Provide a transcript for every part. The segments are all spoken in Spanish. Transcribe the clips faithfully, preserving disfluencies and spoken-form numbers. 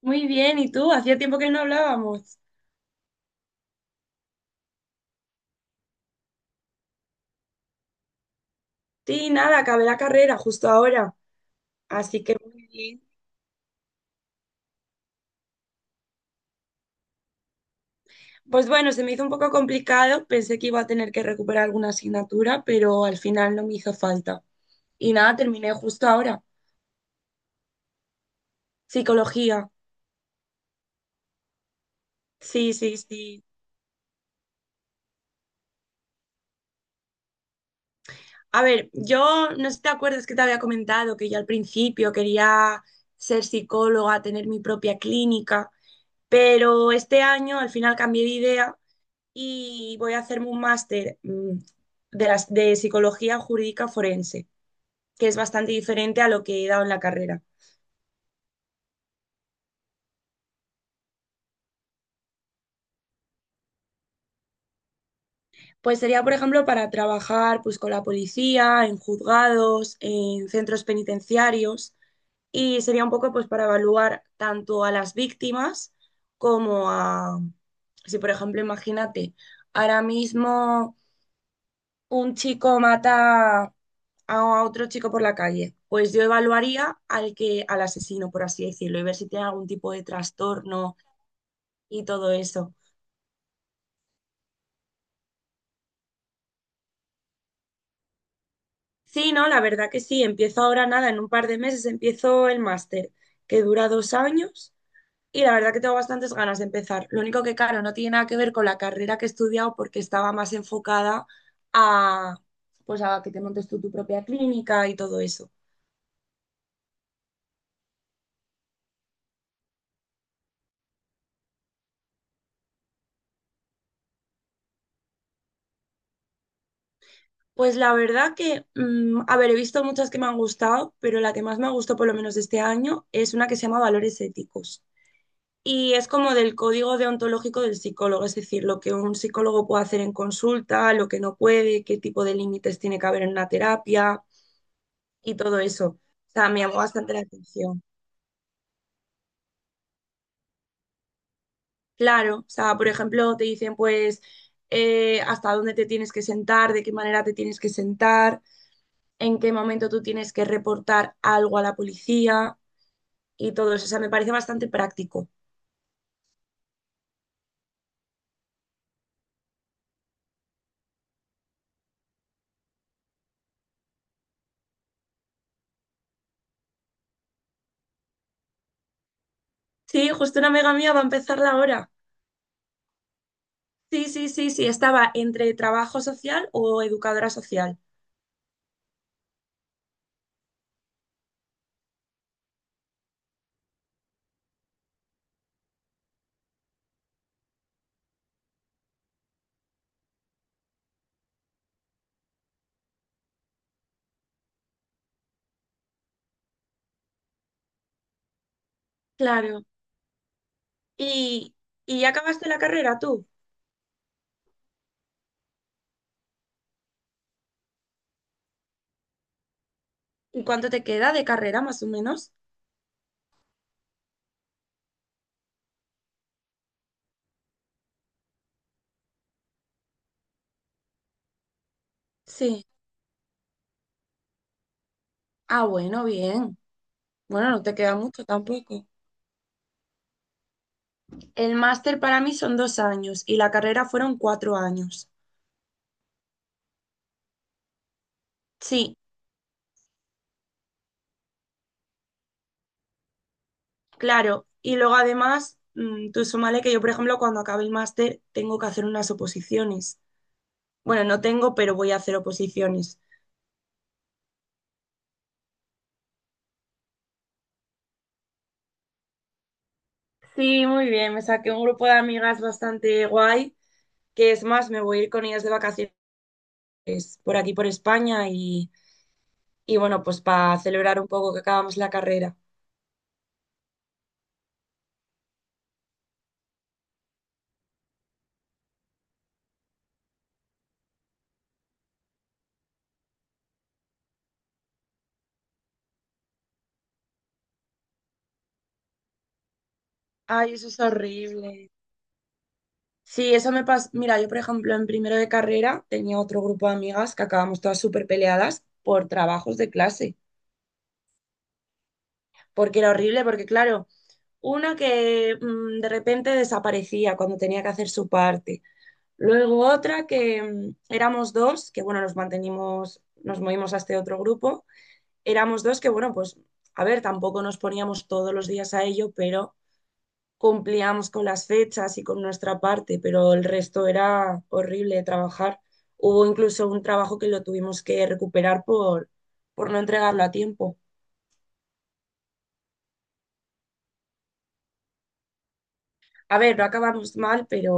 Muy bien, ¿y tú? Hacía tiempo que no hablábamos. Sí, nada, acabé la carrera justo ahora, así que muy bien. Pues bueno, se me hizo un poco complicado, pensé que iba a tener que recuperar alguna asignatura, pero al final no me hizo falta. Y nada, terminé justo ahora. Psicología. Sí, sí, sí. A ver, yo no sé si te acuerdas que te había comentado que yo al principio quería ser psicóloga, tener mi propia clínica, pero este año al final cambié de idea y voy a hacerme un máster mm, de, las, de psicología jurídica forense, que es bastante diferente a lo que he dado en la carrera. Pues sería, por ejemplo, para trabajar pues, con la policía, en juzgados, en centros penitenciarios y sería un poco pues, para evaluar tanto a las víctimas como a, si por ejemplo, imagínate, ahora mismo un chico mata a otro chico por la calle, pues yo evaluaría al que, al asesino, por así decirlo, y ver si tiene algún tipo de trastorno y todo eso. Sí, no, la verdad que sí, empiezo ahora nada, en un par de meses empiezo el máster, que dura dos años, y la verdad que tengo bastantes ganas de empezar. Lo único que, claro, no tiene nada que ver con la carrera que he estudiado porque estaba más enfocada a, pues a que te montes tú tu propia clínica y todo eso. Pues la verdad que, mm, a ver, he visto muchas que me han gustado, pero la que más me gustó, por lo menos de este año, es una que se llama Valores Éticos. Y es como del código deontológico del psicólogo, es decir, lo que un psicólogo puede hacer en consulta, lo que no puede, qué tipo de límites tiene que haber en una terapia y todo eso. O sea, me llamó bastante la atención. Claro, o sea, por ejemplo, te dicen pues eh, hasta dónde te tienes que sentar, de qué manera te tienes que sentar, en qué momento tú tienes que reportar algo a la policía y todo eso. O sea, me parece bastante práctico. Sí, justo una amiga mía va a empezarla ahora. Sí, sí, sí, sí, estaba entre trabajo social o educadora social. Claro. ¿Y, y ya acabaste la carrera tú? ¿Y cuánto te queda de carrera más o menos? Sí. Ah, bueno, bien. Bueno, no te queda mucho tampoco. El máster para mí son dos años y la carrera fueron cuatro años. Sí, claro. Y luego además, mm, tú súmale que yo, por ejemplo, cuando acabe el máster tengo que hacer unas oposiciones. Bueno, no tengo, pero voy a hacer oposiciones. Sí, muy bien. Me saqué un grupo de amigas bastante guay, que es más, me voy a ir con ellas de vacaciones por aquí, por España, y, y bueno, pues para celebrar un poco que acabamos la carrera. Ay, eso es horrible. Sí, eso me pasa. Mira, yo, por ejemplo, en primero de carrera tenía otro grupo de amigas que acabamos todas súper peleadas por trabajos de clase, porque era horrible, porque claro, una que mm, de repente desaparecía cuando tenía que hacer su parte. Luego otra que mm, éramos dos, que bueno, nos mantenimos, nos movimos a este otro grupo. Éramos dos que bueno, pues a ver, tampoco nos poníamos todos los días a ello, pero cumplíamos con las fechas y con nuestra parte, pero el resto era horrible de trabajar. Hubo incluso un trabajo que lo tuvimos que recuperar por, por, no entregarlo a tiempo. A ver, no acabamos mal, pero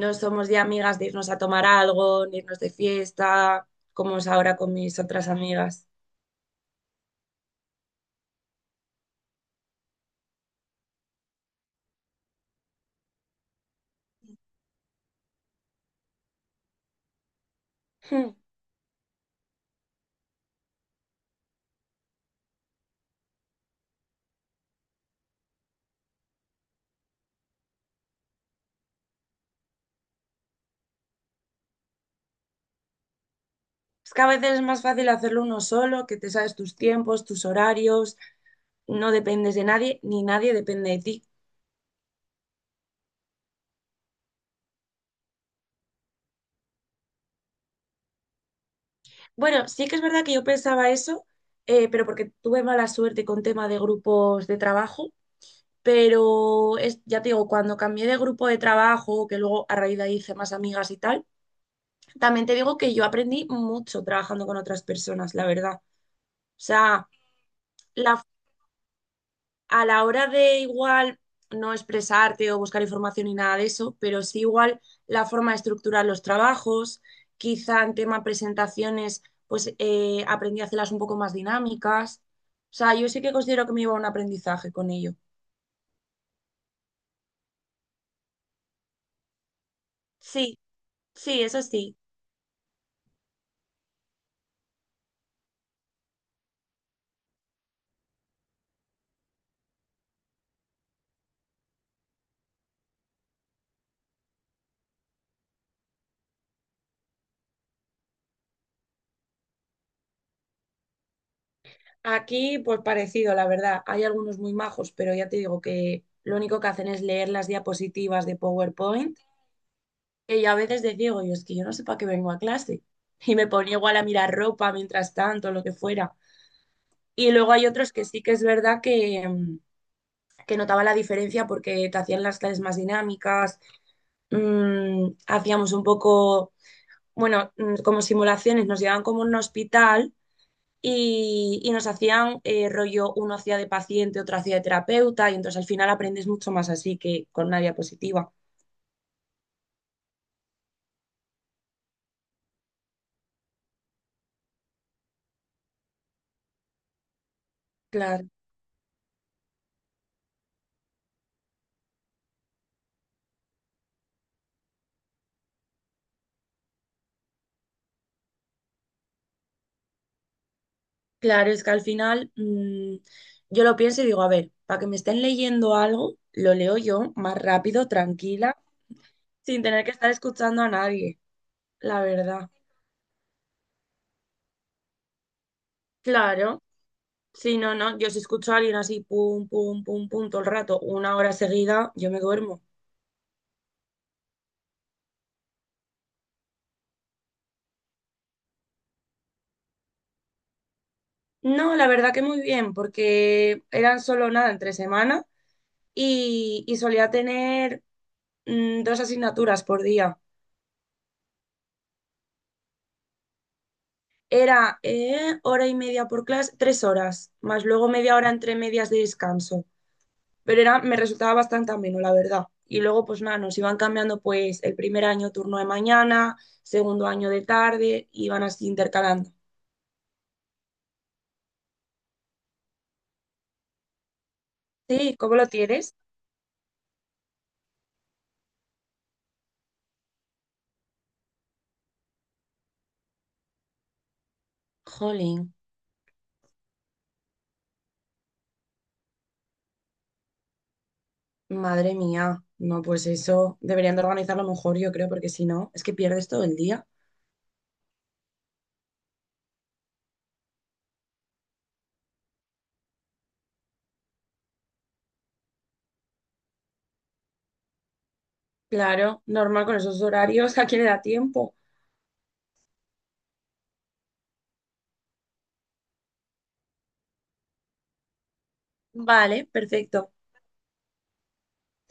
no somos ya amigas de irnos a tomar algo, ni irnos de fiesta, como es ahora con mis otras amigas. Es que a veces es más fácil hacerlo uno solo, que te sabes tus tiempos, tus horarios, no dependes de nadie, ni nadie depende de ti. Bueno, sí que es verdad que yo pensaba eso, eh, pero porque tuve mala suerte con tema de grupos de trabajo, pero es, ya te digo, cuando cambié de grupo de trabajo, que luego a raíz de ahí hice más amigas y tal, también te digo que yo aprendí mucho trabajando con otras personas, la verdad. O sea, la a la hora de igual no expresarte o buscar información ni nada de eso, pero sí igual la forma de estructurar los trabajos, quizá en tema presentaciones, pues eh, aprendí a hacerlas un poco más dinámicas. O sea, yo sí que considero que me iba a un aprendizaje con ello. Sí, sí, eso sí. Aquí, pues parecido, la verdad. Hay algunos muy majos, pero ya te digo que lo único que hacen es leer las diapositivas de PowerPoint que yo a veces decía, digo, yo es que yo no sé para qué vengo a clase. Y me ponía igual a mirar ropa mientras tanto, lo que fuera. Y luego hay otros que sí que es verdad que, mm, que notaba la diferencia porque te hacían las clases más dinámicas, mm, hacíamos un poco, bueno, mm, como simulaciones, nos llevaban como a un hospital y, y nos hacían eh, rollo, uno hacía de paciente, otro hacía de terapeuta, y entonces al final aprendes mucho más así que con una diapositiva. Claro. Claro, es que al final mm, yo lo pienso y digo, a ver, para que me estén leyendo algo, lo leo yo más rápido, tranquila, sin tener que estar escuchando a nadie, la verdad. Claro, si no, no, yo si escucho a alguien así, pum, pum, pum, pum, todo el rato, una hora seguida, yo me duermo. No, la verdad que muy bien, porque eran solo nada entre semana y, y solía tener mm, dos asignaturas por día. Era eh, hora y media por clase, tres horas, más luego media hora entre medias de descanso. Pero era, me resultaba bastante ameno, la verdad. Y luego, pues nada, nos iban cambiando pues el primer año turno de mañana, segundo año de tarde, iban así intercalando. Sí, ¿cómo lo tienes? Jolín, madre mía. No, pues eso deberían de organizarlo mejor, yo creo, porque si no, es que pierdes todo el día. Claro, normal con esos horarios, ¿a quién le da tiempo? Vale, perfecto.